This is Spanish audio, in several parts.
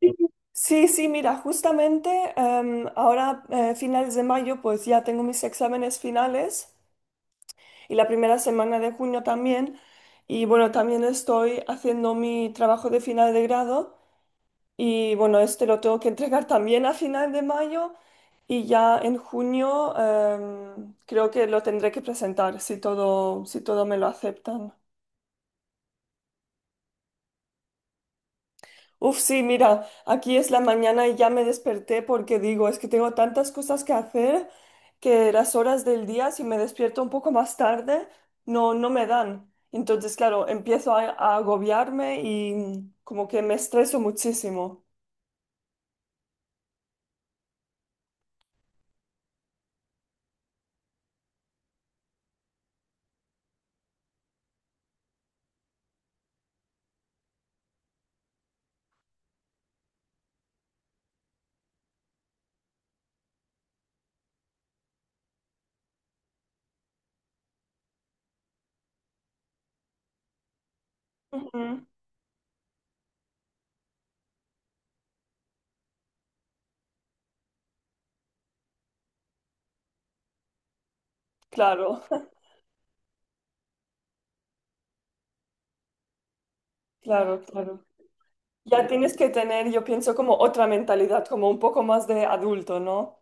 Sí, sí, sí, mira, justamente ahora finales de mayo pues ya tengo mis exámenes finales y la primera semana de junio también y bueno, también estoy haciendo mi trabajo de final de grado y bueno, este lo tengo que entregar también a final de mayo y ya en junio creo que lo tendré que presentar si todo me lo aceptan. Uf, sí, mira, aquí es la mañana y ya me desperté porque digo, es que tengo tantas cosas que hacer que las horas del día, si me despierto un poco más tarde, no, no me dan. Entonces, claro, empiezo a agobiarme y como que me estreso muchísimo. Ujú. Claro, claro, claro. Ya tienes que tener, yo pienso, como otra mentalidad, como un poco más de adulto, ¿no?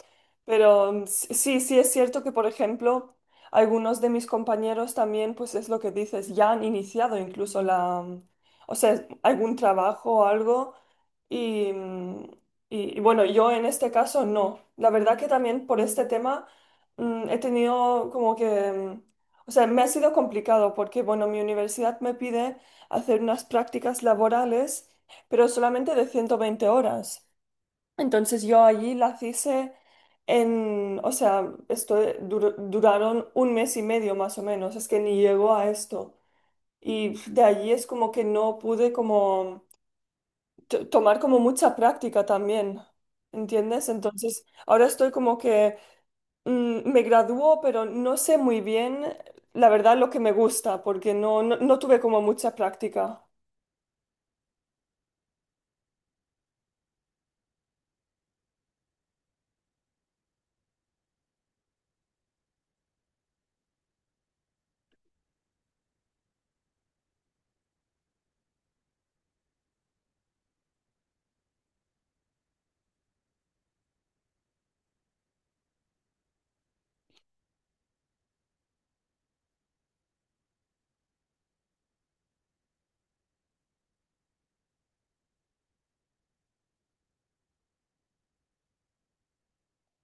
Pero sí, sí es cierto que, por ejemplo, algunos de mis compañeros también, pues es lo que dices, ya han iniciado incluso la, o sea, algún trabajo o algo. Y, mm, y bueno, yo en este caso no. La verdad que también por este tema he tenido como que, o sea, me ha sido complicado porque, bueno, mi universidad me pide hacer unas prácticas laborales pero solamente de 120 horas. Entonces yo allí las hice en, o sea, esto duraron un mes y medio más o menos, es que ni llegó a esto. Y pf, de allí es como que no pude como tomar como mucha práctica también, ¿entiendes? Entonces ahora estoy como que me graduó, pero no sé muy bien, la verdad, lo que me gusta, porque no, no, no tuve como mucha práctica.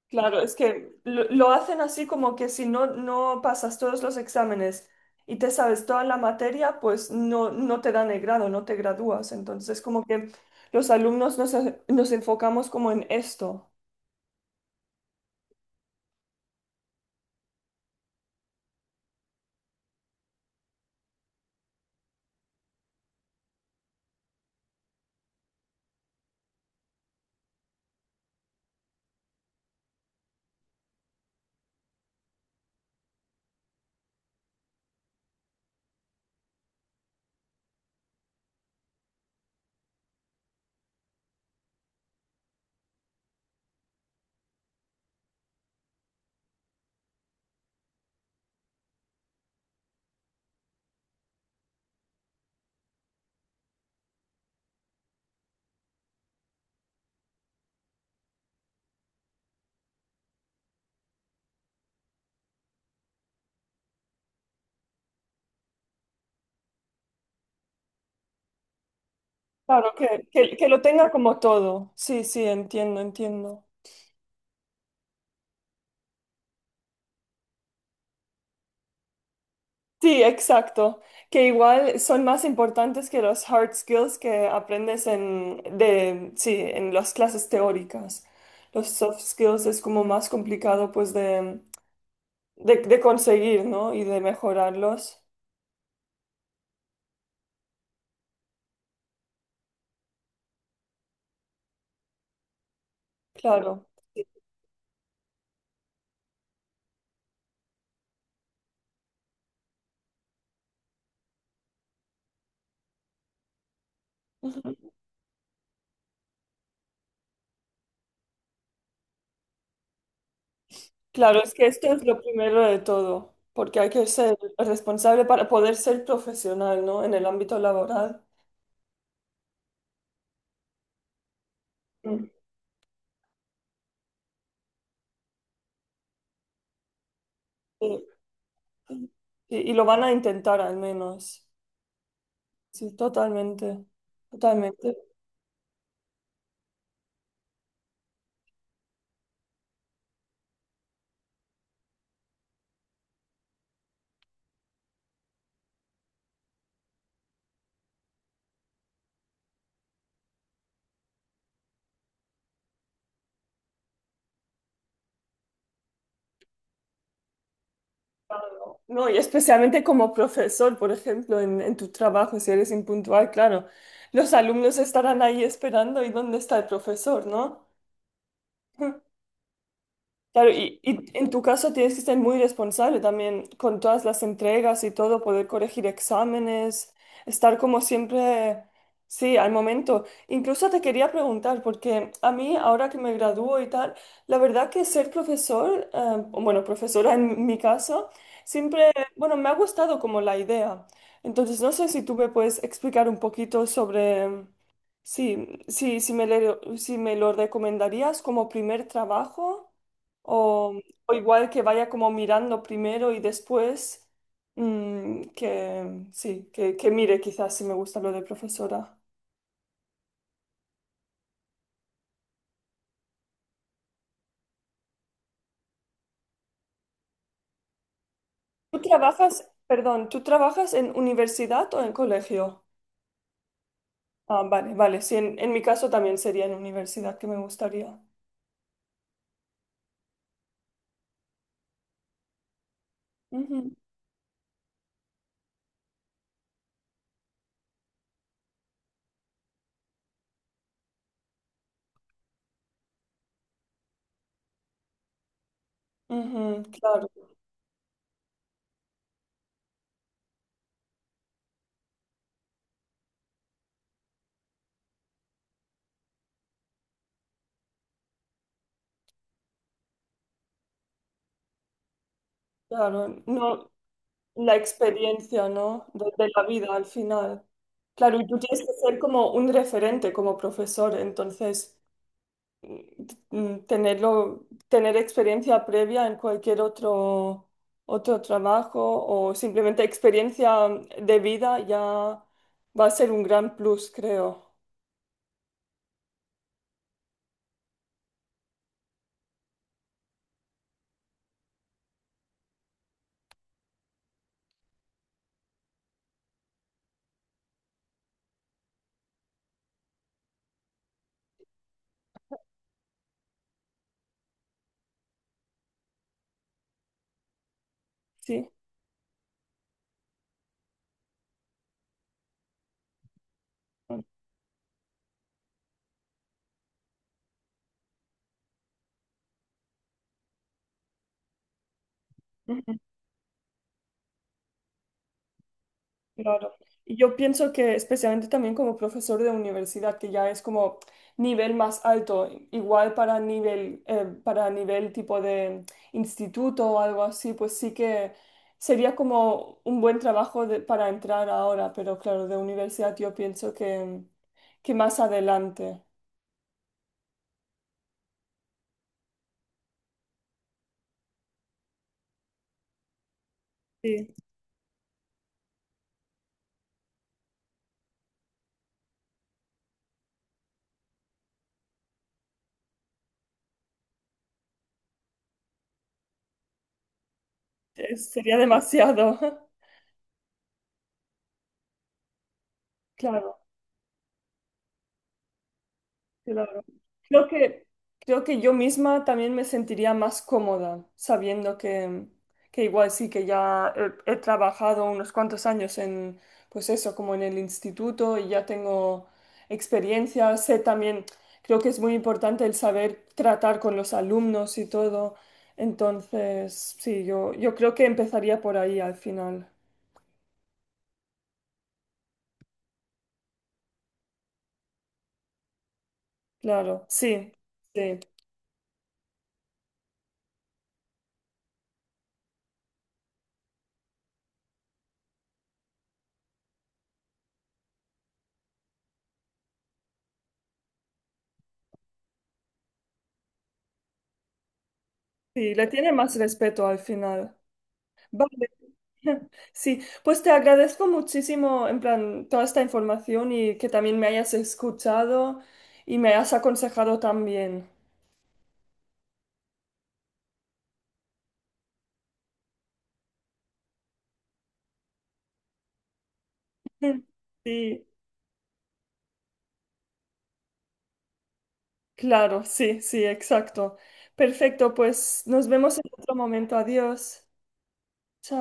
Claro, es que lo hacen así como que si no, no pasas todos los exámenes y te sabes toda la materia, pues no, no te dan el grado, no te gradúas. Entonces, como que los alumnos nos enfocamos como en esto. Claro, que lo tenga como todo. Sí, sí, entiendo, entiendo. Sí, exacto. Que igual son más importantes que los hard skills que aprendes sí, en las clases teóricas. Los soft skills es como más complicado pues de conseguir, ¿no? Y de mejorarlos. Claro. Ujú. Claro, es que esto es lo primero de todo, porque hay que ser responsable para poder ser profesional, ¿no? En el ámbito laboral. Mm. Sí, sí. Y lo van a intentar al menos. Sí, totalmente. Totalmente. No, y especialmente como profesor, por ejemplo, en tu trabajo, si eres impuntual, claro, los alumnos estarán ahí esperando y dónde está el profesor, ¿no? Claro, y en tu caso tienes que ser muy responsable también con todas las entregas y todo, poder corregir exámenes, estar como siempre, sí, al momento. Incluso te quería preguntar, porque a mí ahora que me gradúo y tal, la verdad que ser profesor, o bueno, profesora en mi caso, siempre, bueno, me ha gustado como la idea. Entonces, no sé si tú me puedes explicar un poquito sobre... Sí, sí, si me, le- si me lo recomendarías como primer trabajo. O, o igual que vaya como mirando primero y después que sí, que mire quizás si me gusta lo de profesora. ¿Tú trabajas, perdón, tú trabajas en universidad o en colegio? Ah, vale, vale, sí, en mi caso también sería en universidad que me gustaría. Ujú, ujú, claro, claro. No, la experiencia, ¿no? De la vida al final. Claro, y tú tienes que ser como un referente como profesor, entonces tenerlo, tener experiencia previa en cualquier otro, otro trabajo o simplemente experiencia de vida ya va a ser un gran plus, creo. Sí. Claro. Y yo pienso que especialmente también como profesor de universidad, que ya es como nivel más alto, igual para nivel tipo de instituto o algo así, pues sí que sería como un buen trabajo de- para entrar ahora, pero claro, de universidad yo pienso que más adelante. Sí, sería demasiado. Claro. Claro. Creo que, creo que yo misma también me sentiría más cómoda sabiendo que igual sí que ya he trabajado unos cuantos años pues eso, como en el instituto y ya tengo experiencia, sé también, creo que es muy importante el saber tratar con los alumnos y todo. Entonces, sí, yo creo que empezaría por ahí al final. Claro, sí, sí, sí, le tiene más respeto al final. Vale. Sí, pues te agradezco muchísimo, en plan, toda esta información y que también me hayas escuchado y me hayas aconsejado también. Sí, claro, sí, sí, exacto. Perfecto, pues nos vemos en otro momento. Adiós. Chao.